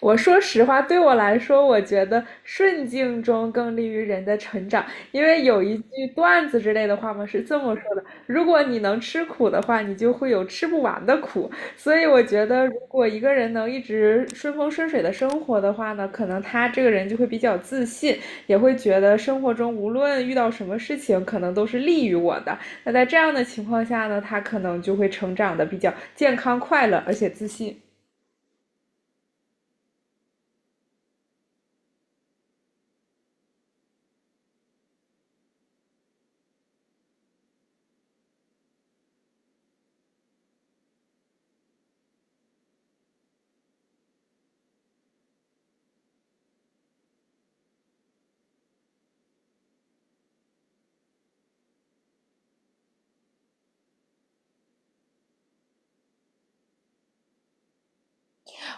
我说实话，对我来说，我觉得顺境中更利于人的成长，因为有一句段子之类的话嘛，是这么说的：如果你能吃苦的话，你就会有吃不完的苦。所以我觉得，如果一个人能一直顺风顺水的生活的话呢，可能他这个人就会比较自信，也会觉得生活中无论遇到什么事情，可能都是利于我的。那在这样的情况下呢，他可能就会成长的比较健康、快乐，而且自信。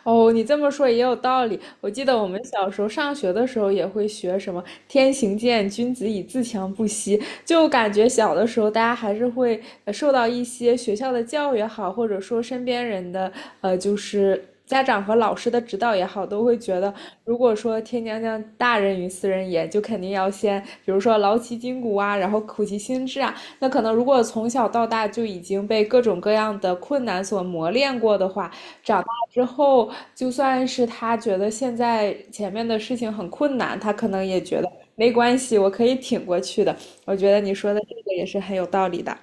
哦，你这么说也有道理。我记得我们小时候上学的时候也会学什么“天行健，君子以自强不息”，就感觉小的时候大家还是会受到一些学校的教育也好，或者说身边人的就是家长和老师的指导也好，都会觉得如果说天将降大任于斯人也，就肯定要先比如说劳其筋骨啊，然后苦其心志啊。那可能如果从小到大就已经被各种各样的困难所磨练过的话，长。之后，就算是他觉得现在前面的事情很困难，他可能也觉得没关系，我可以挺过去的。我觉得你说的这个也是很有道理的。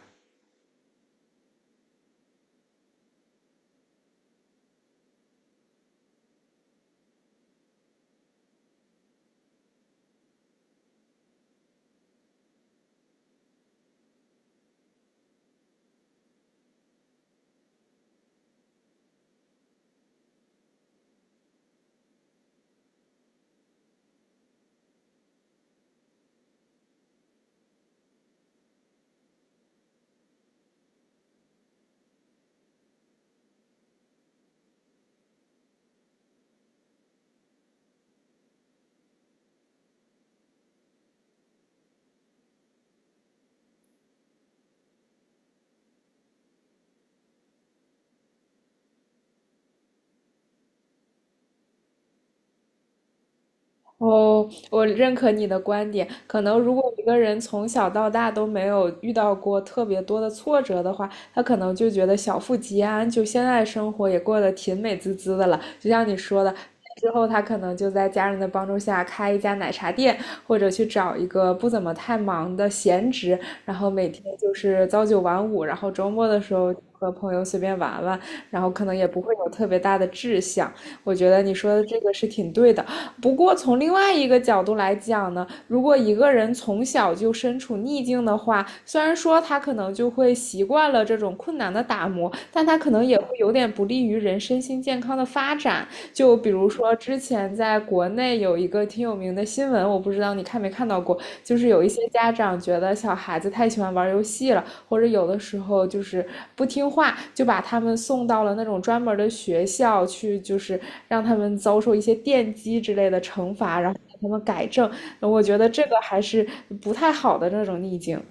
哦，我认可你的观点。可能如果一个人从小到大都没有遇到过特别多的挫折的话，他可能就觉得小富即安，就现在生活也过得挺美滋滋的了。就像你说的，之后他可能就在家人的帮助下开一家奶茶店，或者去找一个不怎么太忙的闲职，然后每天就是朝九晚五，然后周末的时候和朋友随便玩玩，然后可能也不会有特别大的志向。我觉得你说的这个是挺对的。不过从另外一个角度来讲呢，如果一个人从小就身处逆境的话，虽然说他可能就会习惯了这种困难的打磨，但他可能也会有点不利于人身心健康的发展。就比如说之前在国内有一个挺有名的新闻，我不知道你看没看到过，就是有一些家长觉得小孩子太喜欢玩游戏了，或者有的时候就是不听话，就把他们送到了那种专门的学校去，就是让他们遭受一些电击之类的惩罚，然后让他们改正。我觉得这个还是不太好的那种逆境。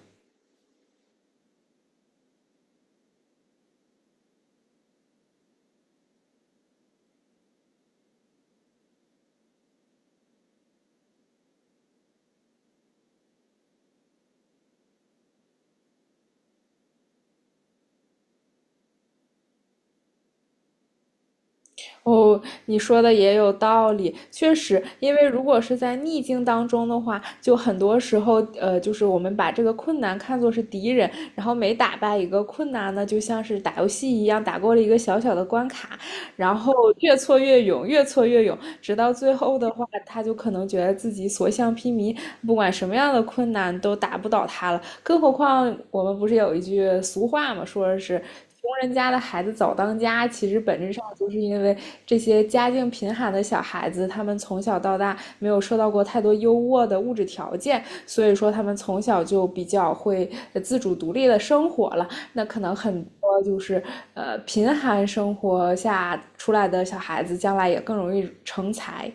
哦，你说的也有道理，确实，因为如果是在逆境当中的话，就很多时候，就是我们把这个困难看作是敌人，然后每打败一个困难呢，就像是打游戏一样，打过了一个小小的关卡，然后越挫越勇，越挫越勇，直到最后的话，他就可能觉得自己所向披靡，不管什么样的困难都打不倒他了，更何况我们不是有一句俗话嘛，说是穷人家的孩子早当家，其实本质上就是因为这些家境贫寒的小孩子，他们从小到大没有受到过太多优渥的物质条件，所以说他们从小就比较会自主独立的生活了。那可能很多就是贫寒生活下出来的小孩子，将来也更容易成才。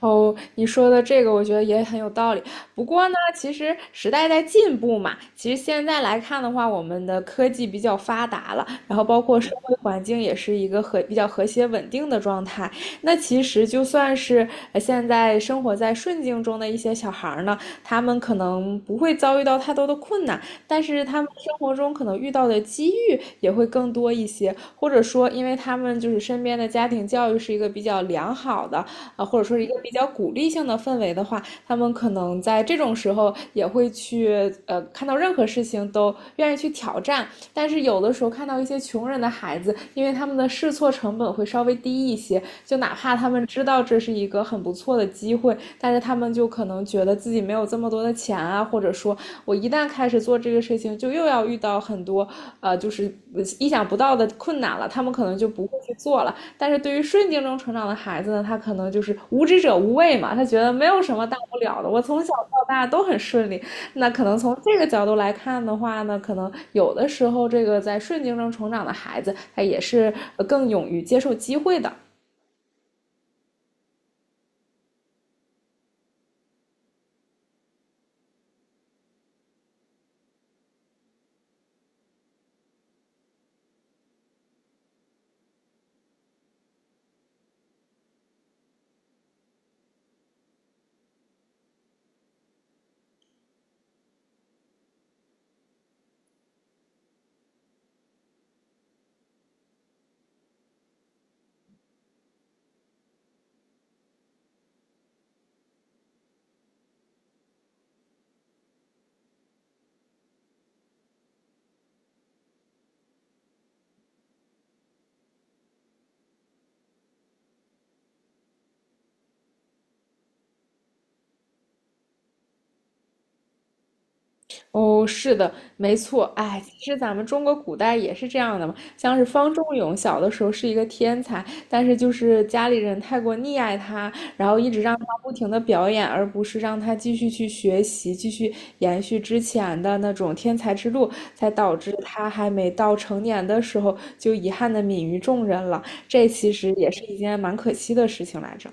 哦，你说的这个我觉得也很有道理。不过呢，其实时代在进步嘛，其实现在来看的话，我们的科技比较发达了，然后包括社会环境也是一个和比较和谐稳定的状态。那其实就算是现在生活在顺境中的一些小孩儿呢，他们可能不会遭遇到太多的困难，但是他们生活中可能遇到的机遇也会更多一些，或者说，因为他们就是身边的家庭教育是一个比较良好的，啊，或者说是一个比较鼓励性的氛围的话，他们可能在这种时候也会去看到任何事情都愿意去挑战。但是有的时候看到一些穷人的孩子，因为他们的试错成本会稍微低一些，就哪怕他们知道这是一个很不错的机会，但是他们就可能觉得自己没有这么多的钱啊，或者说我一旦开始做这个事情，就又要遇到很多就是意想不到的困难了，他们可能就不会去做了。但是对于顺境中成长的孩子呢，他可能就是无知者无畏嘛，他觉得没有什么大不了的，我从小到大都很顺利。那可能从这个角度来看的话呢，可能有的时候这个在顺境中成长的孩子，他也是更勇于接受机会的。哦，是的，没错。哎，其实咱们中国古代也是这样的嘛，像是方仲永小的时候是一个天才，但是就是家里人太过溺爱他，然后一直让他不停的表演，而不是让他继续去学习，继续延续之前的那种天才之路，才导致他还没到成年的时候就遗憾的泯于众人了。这其实也是一件蛮可惜的事情来着，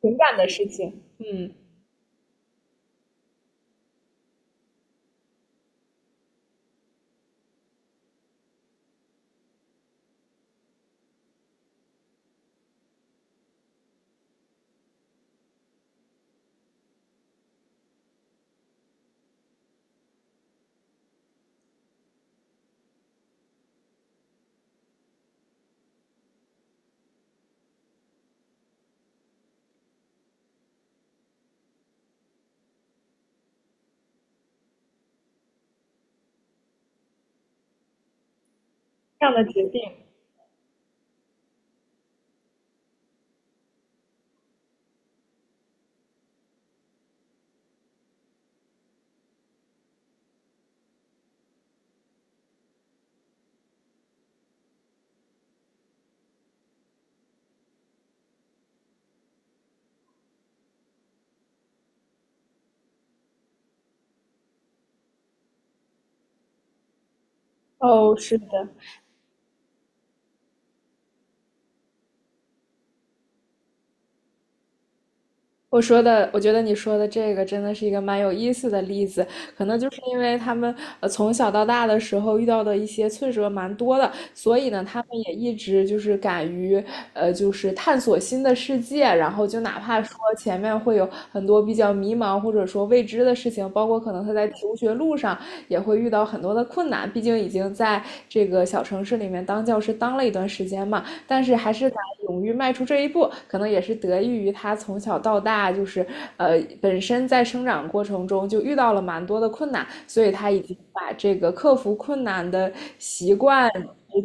情感的事情，嗯，这样的决定。哦，是。我说的，我觉得你说的这个真的是一个蛮有意思的例子，可能就是因为他们从小到大的时候遇到的一些挫折蛮多的，所以呢，他们也一直就是敢于就是探索新的世界，然后就哪怕说前面会有很多比较迷茫或者说未知的事情，包括可能他在求学路上也会遇到很多的困难，毕竟已经在这个小城市里面当教师当了一段时间嘛，但是还是敢勇于迈出这一步，可能也是得益于他从小到大就是本身在生长过程中就遇到了蛮多的困难，所以他已经把这个克服困难的习惯。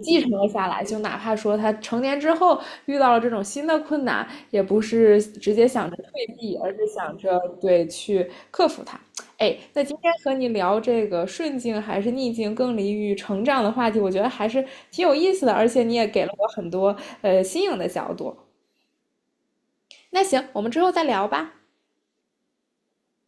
继承了下来，就哪怕说他成年之后遇到了这种新的困难，也不是直接想着退避，而是想着对去克服它。哎，那今天和你聊这个顺境还是逆境更利于成长的话题，我觉得还是挺有意思的，而且你也给了我很多新颖的角度。那行，我们之后再聊吧。